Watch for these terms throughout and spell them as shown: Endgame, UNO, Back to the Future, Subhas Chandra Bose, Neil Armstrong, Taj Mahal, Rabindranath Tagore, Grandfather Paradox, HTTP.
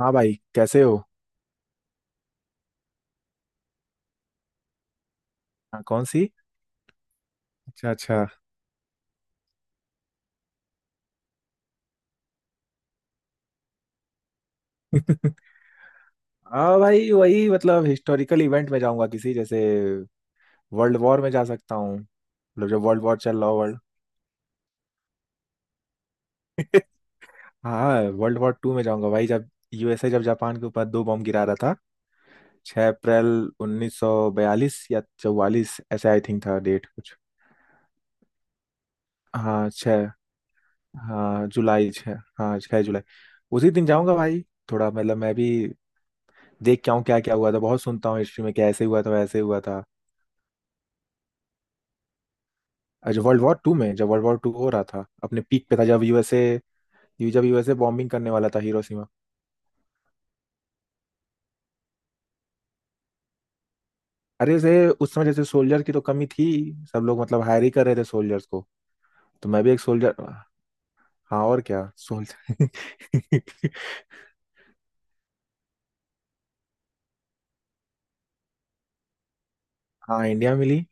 हाँ भाई कैसे हो। हाँ, कौन सी? अच्छा अच्छा। हाँ भाई वही, मतलब हिस्टोरिकल इवेंट में जाऊंगा किसी, जैसे वर्ल्ड वॉर में जा सकता हूँ। मतलब जब वर्ल्ड वॉर चल रहा हो, वर्ल्ड हाँ वर्ल्ड वॉर टू में जाऊंगा भाई, जब यूएसए जब जापान के ऊपर दो बॉम्ब गिरा रहा था। 6 अप्रैल 1942 या 44, ऐसे आई थिंक था डेट कुछ। हाँ छः, हाँ जुलाई छः, हाँ छः जुलाई। उसी दिन जाऊंगा भाई। थोड़ा, मतलब मैं भी देख के आऊँ क्या क्या हुआ था। बहुत सुनता हूँ हिस्ट्री में, क्या ऐसे हुआ था वैसे हुआ था। अच्छा, वर्ल्ड वॉर टू में जब वर्ल्ड वॉर टू हो रहा था, अपने पीक पे था, जब यूएसए, जब यूएसए बॉम्बिंग करने वाला था हिरोशिमा। अरे जैसे उस समय जैसे सोल्जर की तो कमी थी। सब लोग मतलब हायर ही कर रहे थे सोल्जर्स को। तो मैं भी एक सोल्जर। हाँ और क्या सोल्जर। हाँ इंडिया मिली।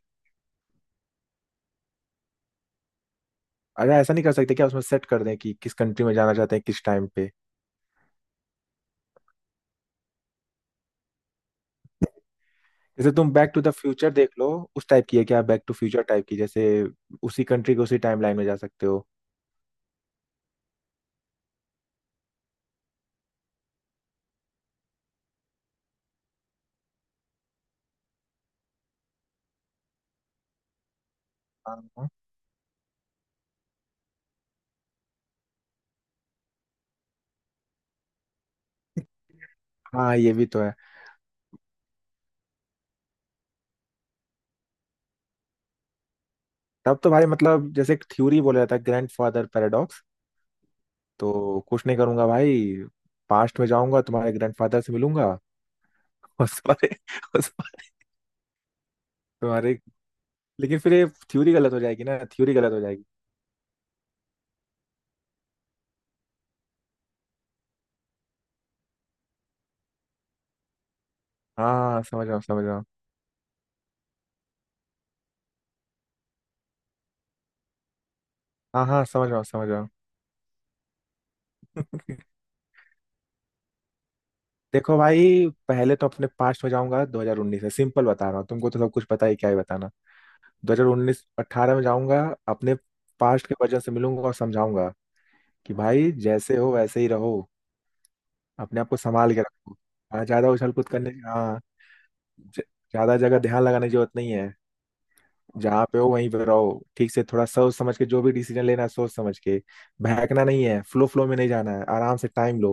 अरे ऐसा नहीं कर सकते क्या, उसमें सेट कर दें कि किस कंट्री में जाना चाहते हैं, किस टाइम पे। जैसे तुम बैक टू द फ्यूचर देख लो। उस टाइप की है क्या, बैक टू फ्यूचर टाइप की, जैसे उसी कंट्री के उसी टाइम लाइन में जा सकते हो। हाँ हाँ, ये भी तो है। तब तो भाई, मतलब जैसे एक थ्योरी बोला जाता है, ग्रैंडफादर पैराडॉक्स। तो कुछ नहीं करूंगा भाई। पास्ट में जाऊंगा, तुम्हारे ग्रैंडफादर से मिलूंगा और तुम्हारे और तुम्हारे, लेकिन फिर ये थ्योरी गलत हो जाएगी ना, थ्योरी गलत हो जाएगी हाँ हाँ समझ रहा हूँ हाँ हाँ समझ रहा हूँ समझ रहा हूँ। देखो भाई, पहले तो अपने पास्ट में जाऊंगा। 2019 है, सिंपल बता रहा हूँ तुमको, तो सब कुछ पता ही, क्या ही बताना। 2019 18 में जाऊंगा। अपने पास्ट के वर्जन से मिलूंगा और समझाऊंगा कि भाई जैसे हो वैसे ही रहो। अपने आप को संभाल के रखो। हाँ ज्यादा उछल कूद करने, हाँ ज- ज्यादा जगह ध्यान लगाने की जरूरत नहीं है। जहाँ पे हो वहीं पे रहो ठीक से। थोड़ा सोच समझ के जो भी डिसीजन लेना है, सोच समझ के। बहकना नहीं है, फ्लो फ्लो में नहीं जाना है, आराम से टाइम लो।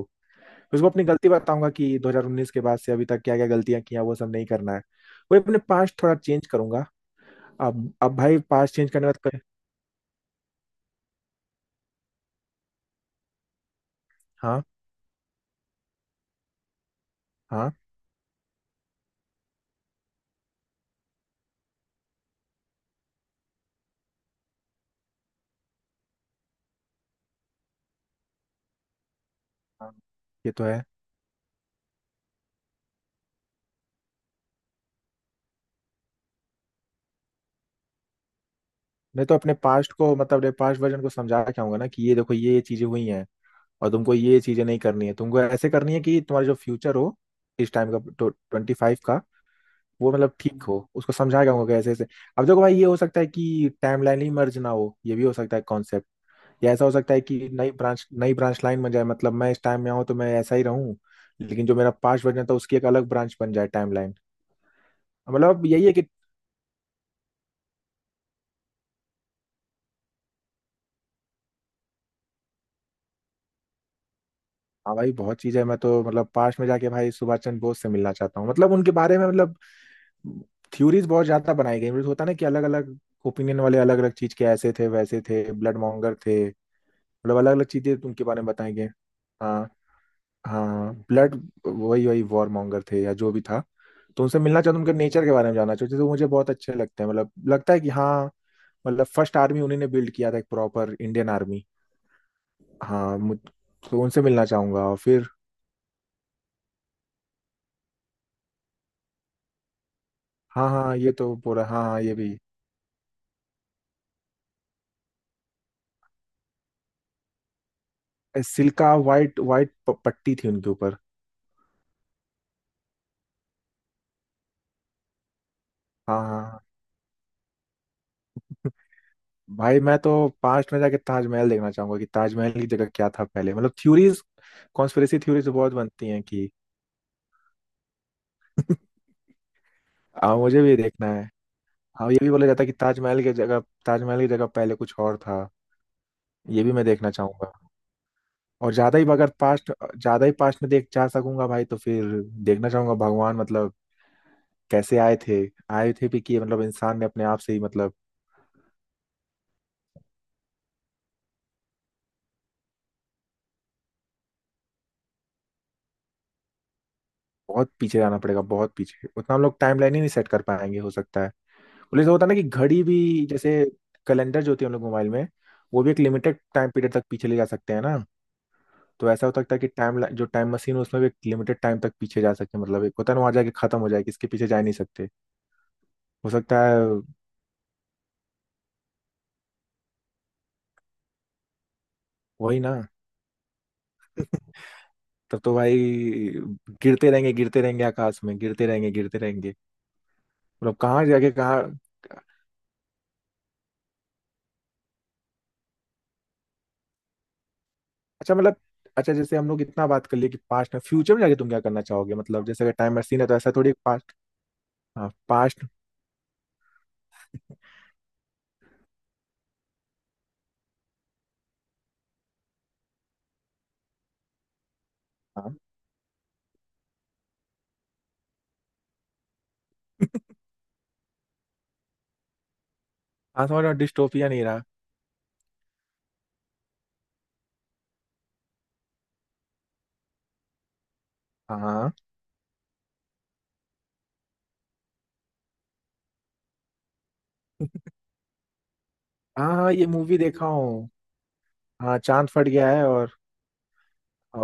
उसको अपनी गलती बताऊंगा कि 2019 के बाद से अभी तक क्या क्या गलतियां की हैं, वो सब नहीं करना है। वही अपने पास्ट थोड़ा चेंज करूंगा। अब भाई पास्ट चेंज करने के बाद कर... हाँ हाँ हाँ, ये तो है। नहीं तो अपने पास्ट को, मतलब अपने पास्ट वर्जन को समझा के आऊंगा ना, कि ये देखो ये चीजें हुई हैं और तुमको ये चीजें नहीं करनी है। तुमको ऐसे करनी है कि तुम्हारा जो फ्यूचर हो, इस टाइम का 25 का, वो मतलब ठीक हो। उसको समझाएगा उनको ऐसे ऐसे। अब देखो भाई, ये हो सकता है कि टाइम लाइन ही मर्ज ना हो, ये भी हो सकता है कॉन्सेप्ट। या ऐसा हो सकता है कि नई ब्रांच, नई ब्रांच लाइन बन जाए। मतलब मैं इस टाइम में आऊँ तो मैं ऐसा ही रहूँ, लेकिन जो मेरा पास्ट वर्जन था उसकी एक अलग ब्रांच बन जाए टाइम लाइन। मतलब यही है कि हाँ भाई, बहुत चीजें हैं। मैं तो मतलब पास में जाके भाई सुभाष चंद्र बोस से मिलना चाहता हूँ। मतलब उनके बारे में, मतलब थ्योरीज बहुत ज्यादा बनाई गई। मतलब होता है ना कि अलग अलग ओपिनियन वाले अलग अलग चीज के, ऐसे थे वैसे थे, ब्लड मॉन्गर थे। मतलब अलग अलग चीजें उनके बारे में बताई गई। हाँ, हाँ ब्लड, वही वही वॉर मॉन्गर थे या जो भी था। तो उनसे मिलना चाहता हूँ, उनके नेचर के बारे में जानना चाहते, तो मुझे बहुत अच्छे लगते हैं। मतलब लगता है कि हाँ, मतलब फर्स्ट आर्मी उन्हीं ने बिल्ड किया था, एक प्रॉपर इंडियन आर्मी। हाँ मुझ- तो उनसे मिलना चाहूंगा और फिर हाँ हाँ, ये तो पूरा, हाँ हाँ ये भी, सिल्का वाइट, पट्टी थी उनके ऊपर। हाँ हाँ हाँ। भाई मैं तो पास्ट में जाके ताजमहल देखना चाहूंगा कि ताजमहल की जगह क्या था पहले, मतलब थ्योरीज, कॉन्स्पिरेसी थ्योरीज बहुत बनती हैं कि हाँ मुझे भी देखना है। हाँ, ये भी बोला जाता है कि ताजमहल की जगह पहले कुछ और था। ये भी मैं देखना चाहूंगा। और ज्यादा ही अगर पास्ट ज्यादा ही पास्ट में देख जा सकूंगा भाई, तो फिर देखना चाहूंगा भगवान, मतलब कैसे आए थे, आए थे भी कि मतलब इंसान ने अपने आप से ही, मतलब बहुत पीछे जाना पड़ेगा, बहुत पीछे, उतना हम लोग टाइम लाइन ही नहीं सेट कर पाएंगे, हो सकता है। बोले तो होता है ना कि घड़ी भी, जैसे कैलेंडर जो होती है हम लोग मोबाइल में, वो भी एक लिमिटेड टाइम पीरियड तक पीछे ले जा सकते हैं ना। तो ऐसा हो सकता है कि टाइम, जो टाइम मशीन है उसमें भी एक लिमिटेड टाइम तक पीछे जा सकते हैं। मतलब एक होता है ना, वहाँ जाके खत्म हो जाए, किसके पीछे जा ही नहीं सकते। हो सकता है, वही ना। तब तो भाई गिरते रहेंगे, गिरते रहेंगे, आकाश में गिरते रहेंगे, गिरते रहेंगे। मतलब कहाँ जाके कहाँ। अच्छा, मतलब, अच्छा जैसे हम लोग इतना बात कर लिए कि पास्ट में फ्यूचर में जाके तुम क्या करना चाहोगे, मतलब जैसे अगर टाइम मशीन है तो ऐसा थोड़ी पास्ट, हाँ पास्ट। हाँ हाँ समझ रहा हूँ, डिस्टोपिया नहीं रहा। हाँ हाँ हाँ, हाँ, ये मूवी देखा हूँ। हाँ चांद फट गया है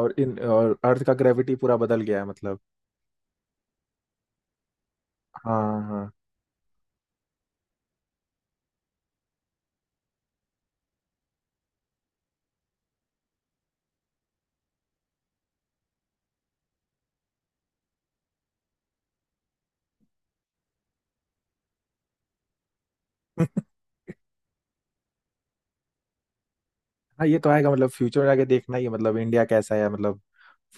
और इन और अर्थ का ग्रेविटी पूरा बदल गया है, मतलब हाँ हाँ। हाँ ये तो आएगा, मतलब फ्यूचर में जाके देखना ही है, मतलब इंडिया कैसा है, मतलब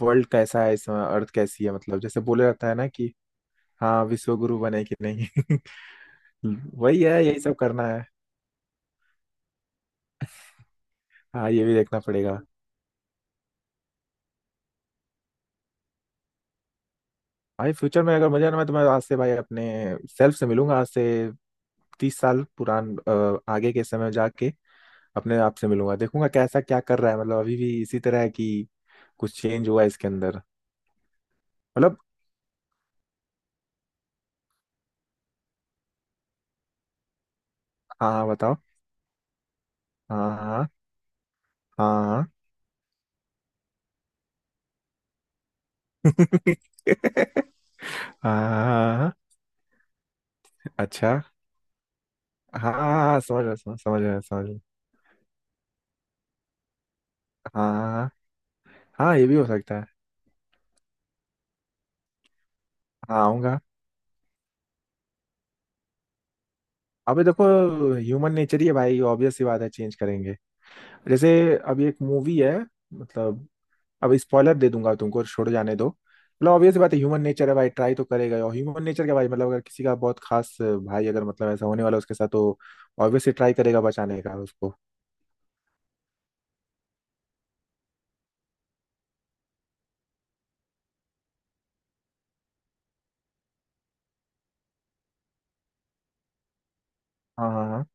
वर्ल्ड कैसा है इस समय, अर्थ कैसी है, मतलब जैसे बोले रहता है ना कि हाँ विश्व गुरु बने कि नहीं। वही है, यही सब करना है। हाँ ये भी देखना पड़ेगा। भाई फ्यूचर में अगर मजा ना, मैं तुम्हें आज से भाई अपने सेल्फ से मिलूंगा, आज से 30 साल आगे के समय जाके अपने आप से मिलूंगा, देखूंगा कैसा क्या कर रहा है। मतलब अभी भी इसी तरह है कि कुछ चेंज हुआ है इसके अंदर, मतलब। हाँ हाँ, बताओ। हाँ हाँ हाँ। हाँ हाँ, हाँ, हाँ, हाँ, हाँ। अच्छा। हाँ हाँ हाँ, हाँ, समझ रहा, समझ, समझ रहा, समझ रहा। हाँ हाँ हाँ, हाँ, ये भी हो सकता है। हाँ आऊंगा। अबे देखो, ह्यूमन नेचर ही है भाई, ऑब्वियस सी बात है, चेंज करेंगे। जैसे अभी एक मूवी है, मतलब, अब स्पॉइलर दे दूंगा तुमको, छोड़ जाने दो, मतलब ऑब्वियस बात है, ह्यूमन नेचर है भाई, ट्राई तो करेगा ही। और ह्यूमन नेचर क्या भाई, मतलब अगर किसी का बहुत खास भाई, अगर मतलब ऐसा होने वाला है उसके साथ, तो ऑब्वियसली ट्राई करेगा बचाने का उसको। हाँ हाँ हाँ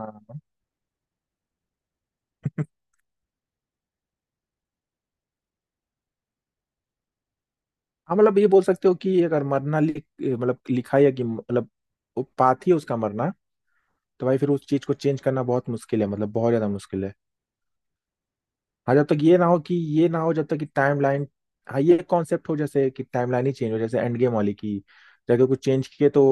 हाँ हाँ, हाँ, मतलब ये बोल सकते हो कि अगर मरना लिख, मतलब लिखा है कि, मतलब वो पाथ ही है उसका मरना, तो भाई फिर उस चीज को चेंज करना बहुत मुश्किल है, मतलब बहुत ज्यादा मुश्किल है। हाँ, जब तक ये ना हो, जब तक कि टाइम लाइन, हाँ ये कॉन्सेप्ट हो, जैसे कि टाइम लाइन ही चेंज हो, जैसे एंड गेम वाली की जगह कुछ चेंज किए तो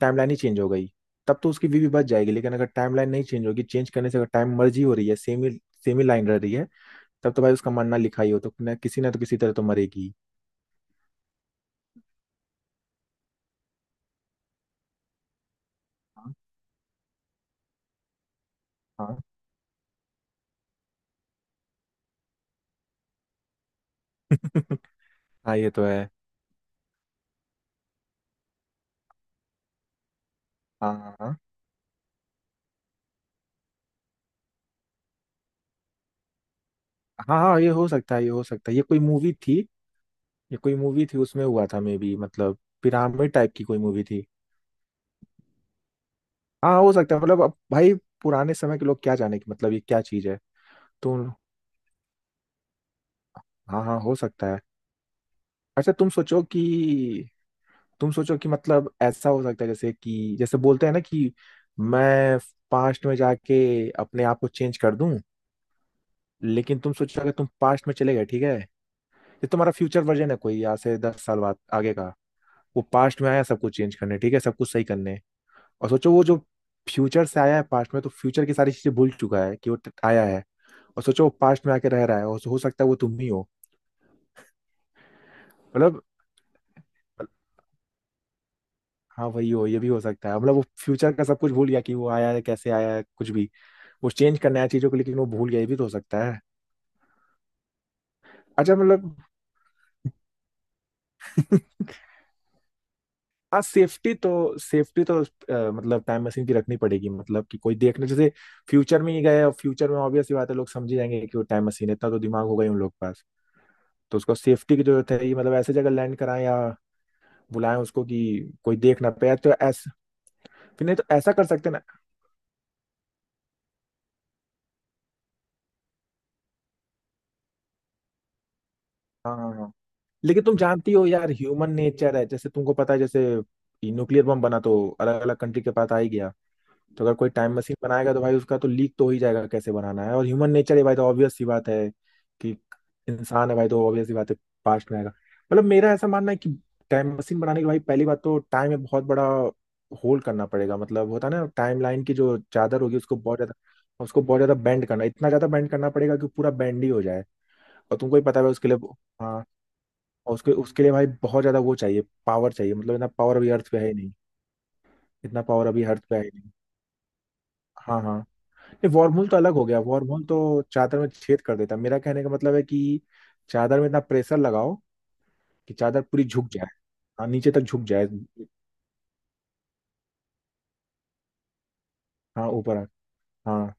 टाइम लाइन ही चेंज हो गई। तब तो उसकी वीवी बच जाएगी, लेकिन अगर टाइम लाइन नहीं चेंज होगी, चेंज करने से अगर टाइम मर्जी हो रही है, सेम ही लाइन रह रही है, तब तो भाई उसका मरना लिखा ही हो तो ना, किसी ना तो किसी तरह तो मरेगी। हाँ हाँ। हाँ ये तो है। हाँ हाँ हाँ हाँ हाँ, ये हो सकता है, ये कोई मूवी थी। ये कोई मूवी थी, उसमें हुआ था मे बी, मतलब पिरामिड टाइप की कोई मूवी थी। हाँ हो सकता है, मतलब अब भाई पुराने समय के लोग क्या जाने कि मतलब ये क्या चीज है। तुम हाँ हाँ हो सकता है। अच्छा तुम सोचो कि, मतलब ऐसा हो सकता है जैसे कि जैसे बोलते हैं ना, कि मैं पास्ट में जाके अपने आप को चेंज कर दूं। लेकिन तुम सोचो, अगर तुम पास्ट में चले गए, ठीक है, ये तुम्हारा फ्यूचर वर्जन है कोई, यहाँ से 10 साल बाद आगे का, वो पास्ट में आया सब कुछ चेंज करने, ठीक है सब कुछ सही करने। और सोचो, वो जो फ्यूचर से आया है पास्ट में, तो फ्यूचर की सारी चीजें भूल चुका है कि वो आया है। और सोचो वो पास्ट में आके रह रहा है, और हो सकता है वो तुम ही हो, मतलब। हाँ वही हो, ये भी हो सकता है। मतलब वो फ्यूचर का सब कुछ भूल गया कि वो आया है, कैसे आया है, कुछ भी। वो चेंज करना है चीजों को, लेकिन वो भूल गया, ये भी तो हो सकता है। अच्छा मतलब। हाँ सेफ्टी तो, सेफ्टी तो मतलब टाइम मशीन की रखनी पड़ेगी, मतलब कि कोई देखने जैसे फ्यूचर में ही गए और फ्यूचर में ऑब्वियस सी बात है लोग समझ ही जाएंगे कि वो टाइम मशीन है। इतना तो दिमाग हो गई उन लोग के पास। तो उसको सेफ्टी की जरूरत है, ये मतलब ऐसे जगह लैंड कराएं या बुलाएं उसको कि कोई देख ना पाए, तो ऐसा फिर, नहीं तो ऐसा कर सकते ना। हाँ हाँ हाँ, लेकिन तुम जानती हो यार, ह्यूमन नेचर है, जैसे तुमको पता है, जैसे न्यूक्लियर बम बना तो अलग अलग कंट्री के पास आ ही गया। तो अगर कोई टाइम मशीन बनाएगा, तो भाई उसका तो लीक तो हो ही जाएगा कैसे बनाना है, और ह्यूमन नेचर है भाई, तो ऑब्वियस सी बात है कि इंसान है भाई, तो ऑब्वियस सी बात है, पास्ट में आएगा। मतलब मेरा ऐसा मानना है कि टाइम मशीन बनाने के लिए भाई, पहली बात तो टाइम में बहुत बड़ा होल्ड करना पड़ेगा। मतलब होता है ना, टाइम लाइन की जो चादर होगी उसको बहुत ज्यादा, बेंड करना, इतना ज्यादा बेंड करना पड़ेगा कि पूरा बेंड ही हो जाए। और तुमको ही पता है उसके लिए। हाँ, और उसके उसके लिए भाई बहुत ज्यादा वो चाहिए, पावर चाहिए, मतलब इतना पावर अभी अर्थ पे है ही नहीं, इतना पावर अभी अर्थ पे है ही नहीं हाँ हाँ। नहीं वॉर्मूल तो अलग हो गया, वॉर्मूल तो चादर में छेद कर देता है। मेरा कहने का मतलब है कि चादर में इतना प्रेशर लगाओ कि चादर पूरी झुक जाए, हाँ नीचे तक झुक जाए। हाँ ऊपर। हाँ,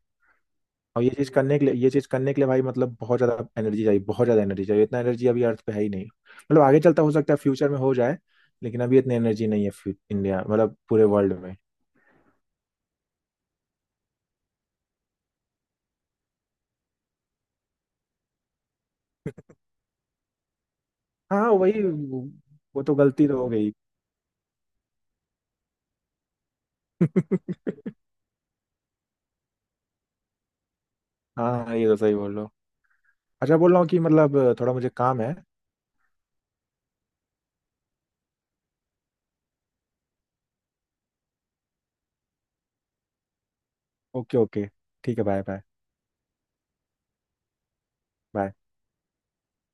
और ये चीज करने के लिए, भाई मतलब बहुत ज्यादा एनर्जी चाहिए, इतना एनर्जी अभी अर्थ पे है ही नहीं। मतलब आगे चलता, हो सकता है फ्यूचर में हो जाए, लेकिन अभी इतनी एनर्जी नहीं है इंडिया, मतलब पूरे वर्ल्ड में। हाँ वही वो तो गलती तो हो गई। हाँ हाँ, ये तो सही बोल रहे हो। अच्छा बोल रहा हूँ कि मतलब थोड़ा मुझे काम है। Okay okay. ठीक है बाय बाय बाय।